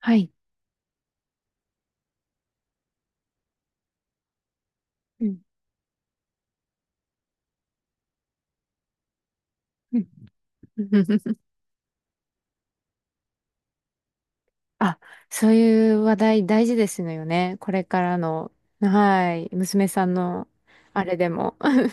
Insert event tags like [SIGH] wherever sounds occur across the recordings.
はい。うん。うん [LAUGHS]。あ、そういう話題大事ですのよね。これからの、はい、娘さんの、あれでも。[LAUGHS]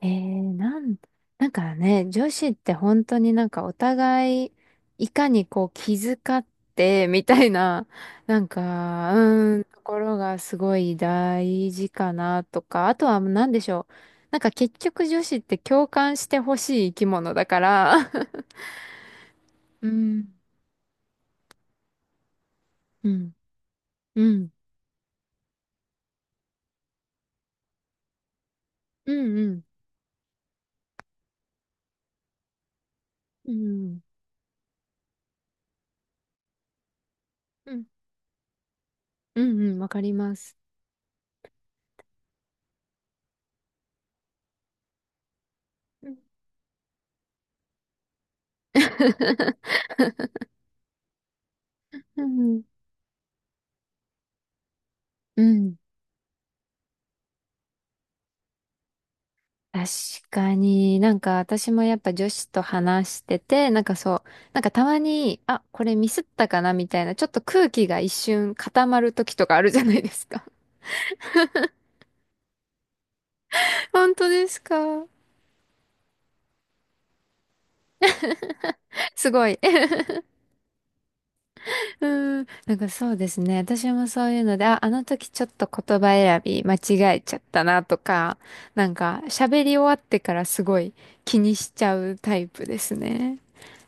えー、なん、なんかね、女子って本当になんかお互い、いかにこう気遣って、みたいな、なんか、ところがすごい大事かなとか、あとは何でしょう。なんか結局女子って共感してほしい生き物だから、[LAUGHS] うん。うん。うん。うんうん。うんうん。うんうん。わかります。うんうんうん。うん。確かになんか私もやっぱ女子と話してて、なんかそう、なんかたまに、あ、これミスったかなみたいな、ちょっと空気が一瞬固まる時とかあるじゃないですか。[LAUGHS] 本当ですか。すごい。うーん、なんかそうですね。私もそういうので、あ、あの時ちょっと言葉選び間違えちゃったなとか、なんか喋り終わってからすごい気にしちゃうタイプですね。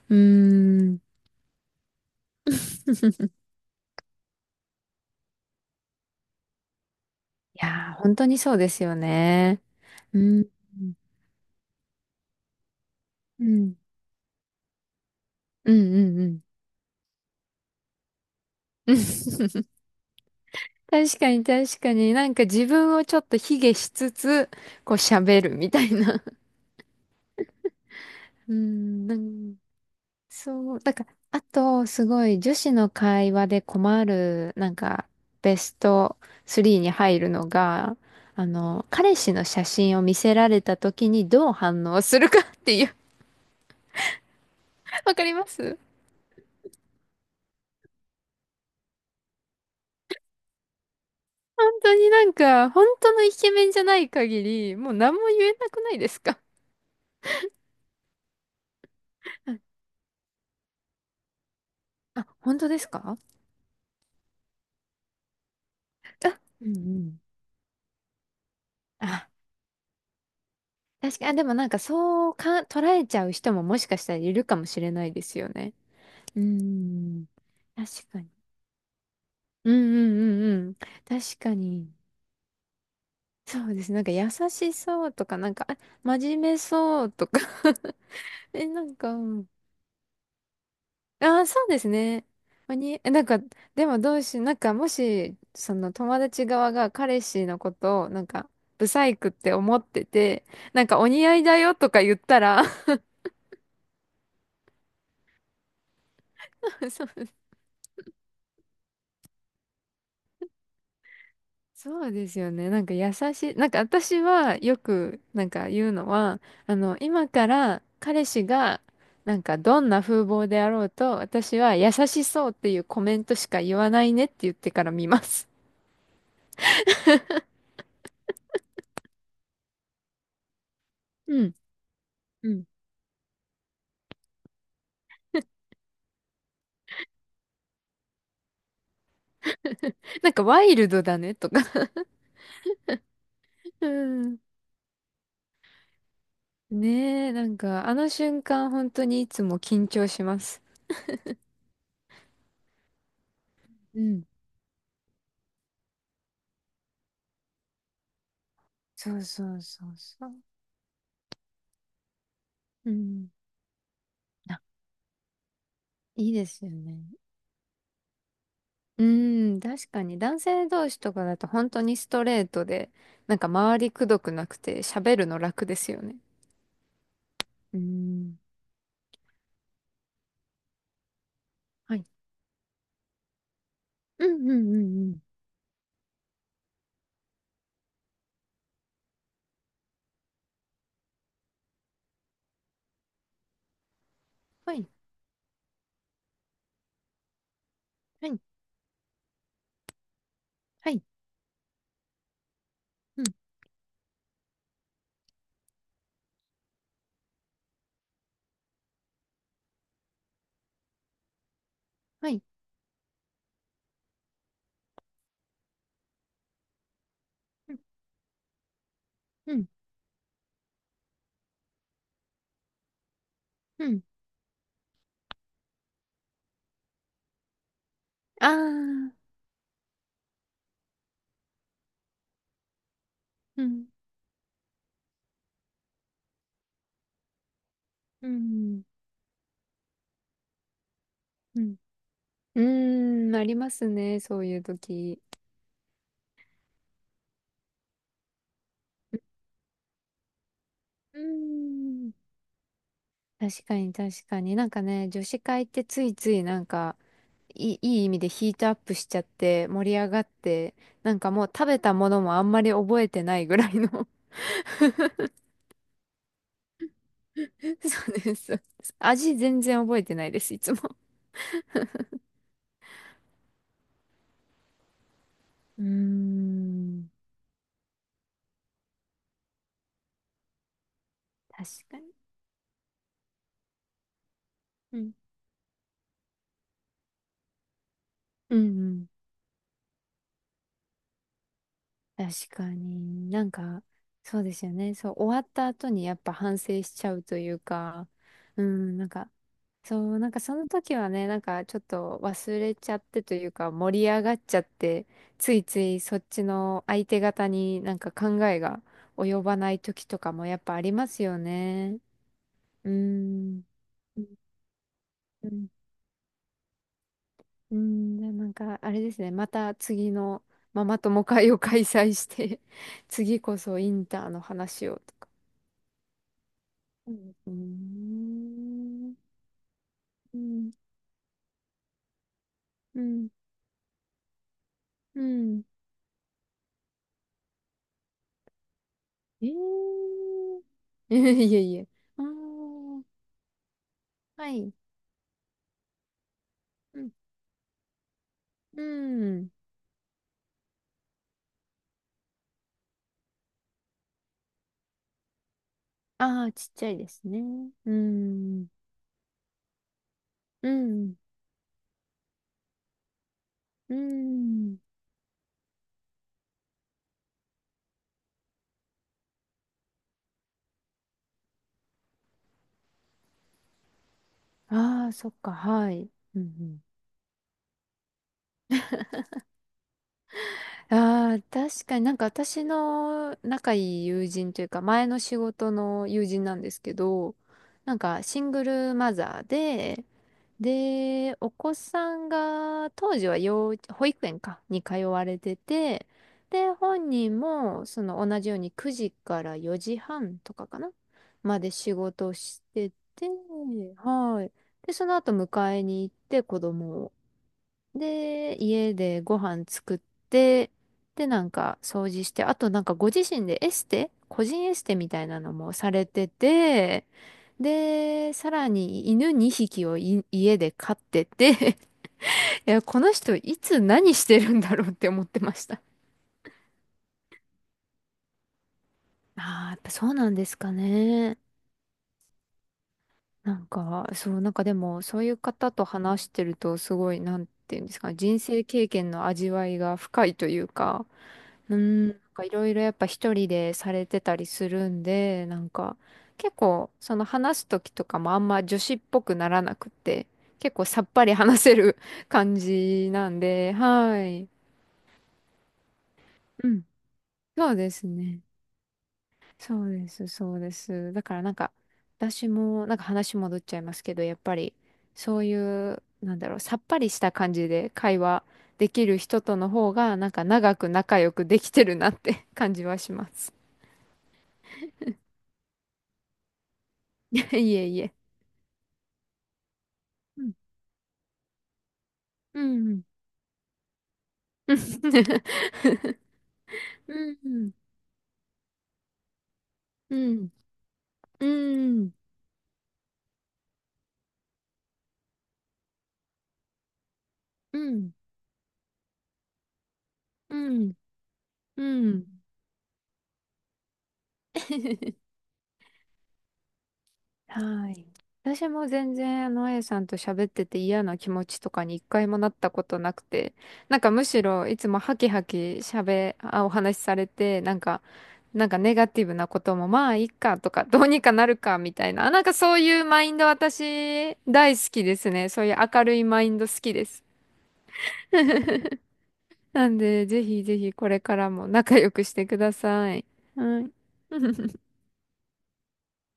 うーん。いやー、本当にそうですよね。うん。うん。うんうんうん。うん。 [LAUGHS] 確かに確かになんか自分をちょっと卑下しつつ、こう喋るみたいな。うーん。そう、だから、あと、すごい女子の会話で困る、なんか、ベスト3に入るのが、あの、彼氏の写真を見せられた時にどう反応するかっていう、[LAUGHS] わかります。本当になんか、本当のイケメンじゃない限り、もう何も言えなくないですか。あ、本当ですか。あ、うんうん。あ、確かに、あ、でもなんかそうか、捉えちゃう人ももしかしたらいるかもしれないですよね。うーん。確かに。うんうんうんうん。確かに。そうです。なんか優しそうとか、なんか、真面目そうとか。 [LAUGHS] なんか、うん。あー、そうですね。まあに、なんか、でもどうし、なんか、もし、その友達側が彼氏のことを、なんか、ブサイクって思ってて、なんか、お似合いだよとか言ったら。 [LAUGHS] そうそうですよね。なんか優しい。なんか私はよくなんか言うのは、あの、今から彼氏がなんかどんな風貌であろうと、私は優しそうっていうコメントしか言わないねって言ってから見ます。[LAUGHS] うん。うん。[LAUGHS] なんかワイルドだねとか。[LAUGHS] うん。[LAUGHS] ねえ、なんかあの瞬間本当にいつも緊張します。うん。そうそうそうそう。うん。あ、いいですよね。うーん、確かに男性同士とかだと本当にストレートで、なんか周りくどくなくて喋るの楽ですよね。うーん。はい。うんうんうんうん。はい。はい。はい。うん。はい。うん。うん。うん。ああ。うん。うん。うん。うーん。ありますね。そういう時。うーん。確かに確かに。なんかね、女子会ってついついなんか、いい意味でヒートアップしちゃって盛り上がって、なんかもう食べたものもあんまり覚えてないぐらいの。 [LAUGHS] そうです。味全然覚えてないです、いつも。うーん、確かに。うん。うんうん。確かに。なんか、そうですよね。そう、終わった後にやっぱ反省しちゃうというか、うん、なんか、そう、なんかその時はね、なんかちょっと忘れちゃってというか盛り上がっちゃって、ついついそっちの相手方になんか考えが及ばない時とかもやっぱありますよね。うーん。うん。うん。うん。で、なんかあれですね、また次のママ友会を開催して。 [LAUGHS] 次こそインターの話をとか。うん。うーん。うん。うん。うん。えー、[LAUGHS] いえいえ。あー、はい。うん。うん。ああ、ちっちゃいですね。うん。うん。うん。ああ、そっか、はい。うん。うん、ああ、確かになんか私の仲いい友人というか、前の仕事の友人なんですけど、なんかシングルマザーで、で、お子さんが当時は幼稚、保育園か、に通われてて、で、本人もその同じように9時から4時半とかかな、まで仕事してて、はい。で、その後迎えに行って子供を。で、家でご飯作って、で、なんか掃除して、あとなんかご自身でエステ、個人エステみたいなのもされてて、で、さらに犬2匹をい家で飼ってて。 [LAUGHS] いや、この人いつ何してるんだろうって思ってました。ああ、やっぱそうなんですかね。なんか、そう、なんかでも、そういう方と話してると、すごい、なんていうんですか、人生経験の味わいが深いというか、うーん、なんかいろいろやっぱ一人でされてたりするんで、なんか、結構、その話す時とかもあんま女子っぽくならなくて、結構さっぱり話せる。 [LAUGHS] 感じなんで、はい。うん。そうですね。そうです、そうです。だからなんか、私も、なんか話戻っちゃいますけど、やっぱり、そういう、なんだろう、さっぱりした感じで会話できる人との方が、なんか長く仲良くできてるなって。 [LAUGHS] 感じはします。[LAUGHS] いえいえ。うん。うん。うん。[LAUGHS] うん。うん。うん。うん。うん。うん。うん。[LAUGHS] はい。私も全然、あの、A さんと喋ってて嫌な気持ちとかに一回もなったことなくて、なんかむしろいつもハキハキ喋、あ、お話しされて、なんか、なんかネガティブなこともまあいいかとか、どうにかなるかみたいな、なんかそういうマインド私大好きですね。そういう明るいマインド好きです。なんで、ぜひぜひこれからも仲良くしてください。はい。[LAUGHS]